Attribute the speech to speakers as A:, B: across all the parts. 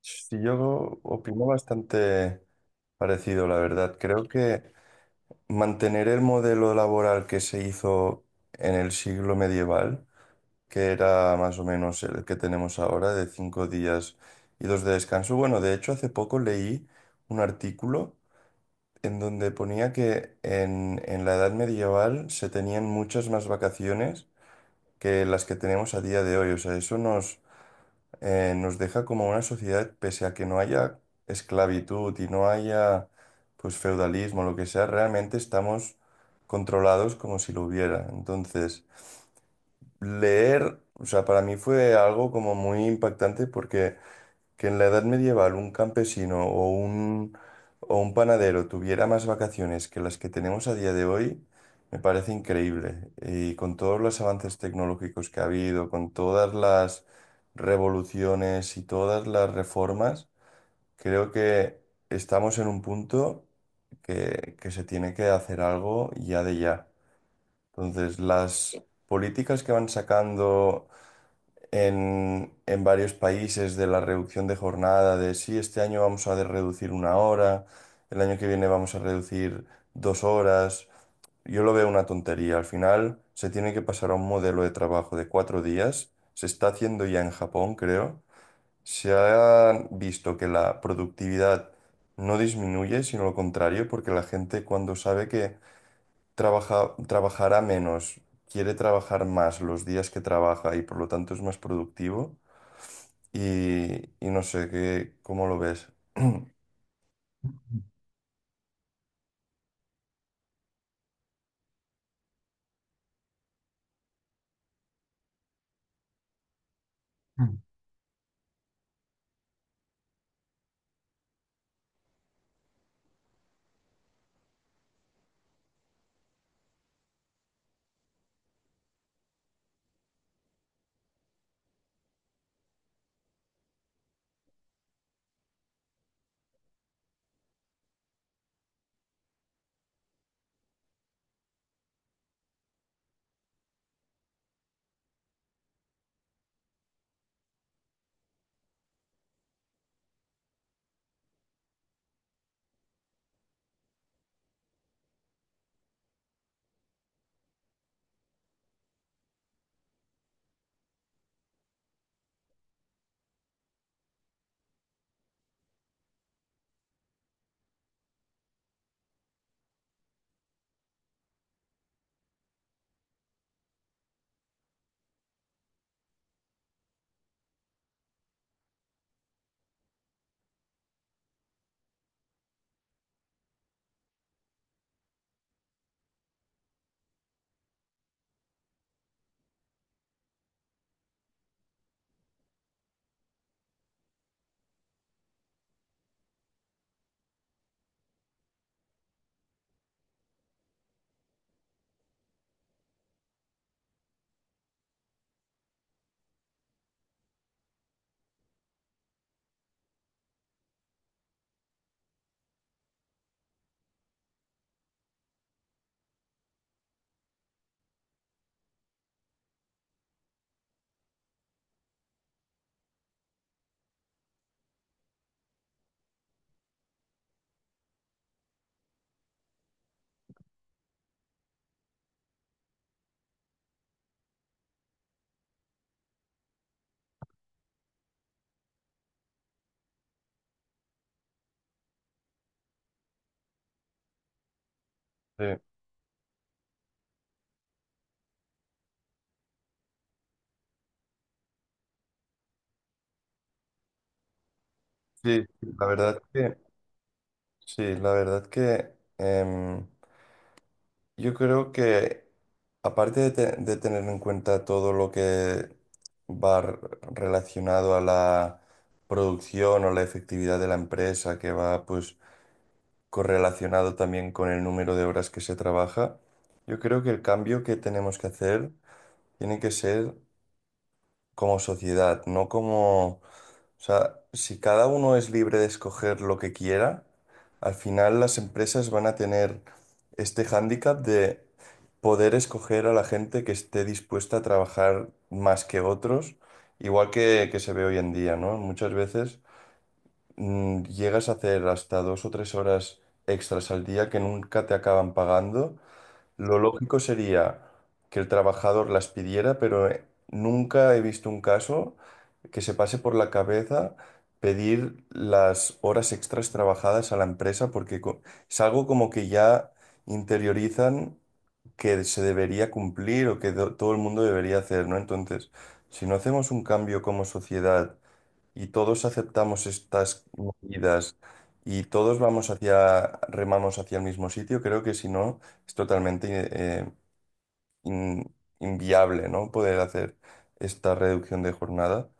A: Sí, yo opino bastante parecido, la verdad. Creo que mantener el modelo laboral que se hizo en el siglo medieval, que era más o menos el que tenemos ahora, de 5 días y dos de descanso. Bueno, de hecho, hace poco leí un artículo en donde ponía que en la edad medieval se tenían muchas más vacaciones que las que tenemos a día de hoy. O sea, eso nos nos deja como una sociedad, pese a que no haya esclavitud y no haya pues feudalismo, lo que sea, realmente estamos controlados como si lo hubiera. Entonces, leer, o sea, para mí fue algo como muy impactante porque que en la edad medieval un campesino o un panadero tuviera más vacaciones que las que tenemos a día de hoy, me parece increíble. Y con todos los avances tecnológicos que ha habido, con todas las revoluciones y todas las reformas, creo que estamos en un punto que se tiene que hacer algo ya de ya. Entonces, las políticas que van sacando en varios países de la reducción de jornada, de sí, este año vamos a reducir 1 hora, el año que viene vamos a reducir 2 horas. Yo lo veo una tontería. Al final se tiene que pasar a un modelo de trabajo de 4 días. Se está haciendo ya en Japón, creo. Se ha visto que la productividad no disminuye, sino lo contrario, porque la gente cuando sabe que trabaja, trabajará menos, quiere trabajar más los días que trabaja y por lo tanto es más productivo y no sé, qué, ¿cómo lo ves? Sí, sí, sí, la verdad que, sí, la verdad que em, yo creo que aparte de, de tener en cuenta todo lo que va r- relacionado a la producción o la efectividad de la empresa, que va pues correlacionado también con el número de horas que se trabaja, yo creo que el cambio que tenemos que hacer tiene que ser como sociedad, no como, o sea, si cada uno es libre de escoger lo que quiera, al final las empresas van a tener este hándicap de poder escoger a la gente que esté dispuesta a trabajar más que otros, igual que se ve hoy en día, ¿no? Muchas veces llegas a hacer hasta 2 o 3 horas extras al día que nunca te acaban pagando. Lo lógico sería que el trabajador las pidiera, pero nunca he visto un caso que se pase por la cabeza pedir las horas extras trabajadas a la empresa, porque es algo como que ya interiorizan que se debería cumplir o que todo el mundo debería hacer, ¿no? Entonces, si no hacemos un cambio como sociedad y todos aceptamos estas medidas y todos vamos hacia, remamos hacia el mismo sitio, creo que si no es totalmente in- inviable, ¿no? Poder hacer esta reducción de jornada.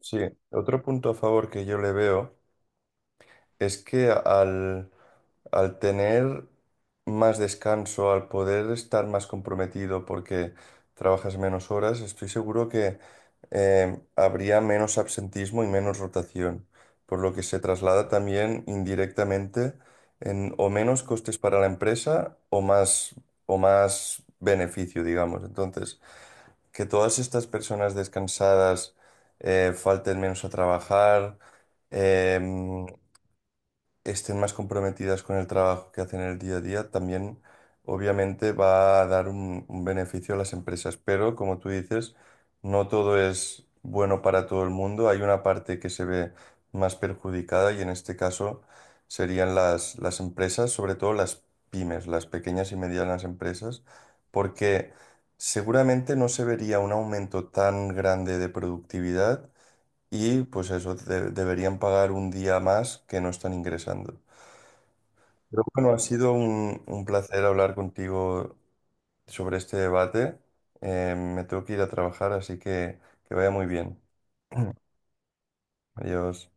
A: Sí, otro punto a favor que yo le veo. Es que al, al tener más descanso, al poder estar más comprometido porque trabajas menos horas, estoy seguro que habría menos absentismo y menos rotación, por lo que se traslada también indirectamente en o menos costes para la empresa o más beneficio, digamos. Entonces, que todas estas personas descansadas falten menos a trabajar. em, estén más comprometidas con el trabajo que hacen en el día a día, también obviamente va a dar un beneficio a las empresas. Pero como tú dices, no todo es bueno para todo el mundo. Hay una parte que se ve más perjudicada y en este caso serían las empresas, sobre todo las pymes, las pequeñas y medianas empresas, porque seguramente no se vería un aumento tan grande de productividad. Y pues eso, deberían pagar un día más que no están ingresando. Pero bueno, ha sido un placer hablar contigo sobre este debate. Me tengo que ir a trabajar, así que vaya muy bien. Adiós.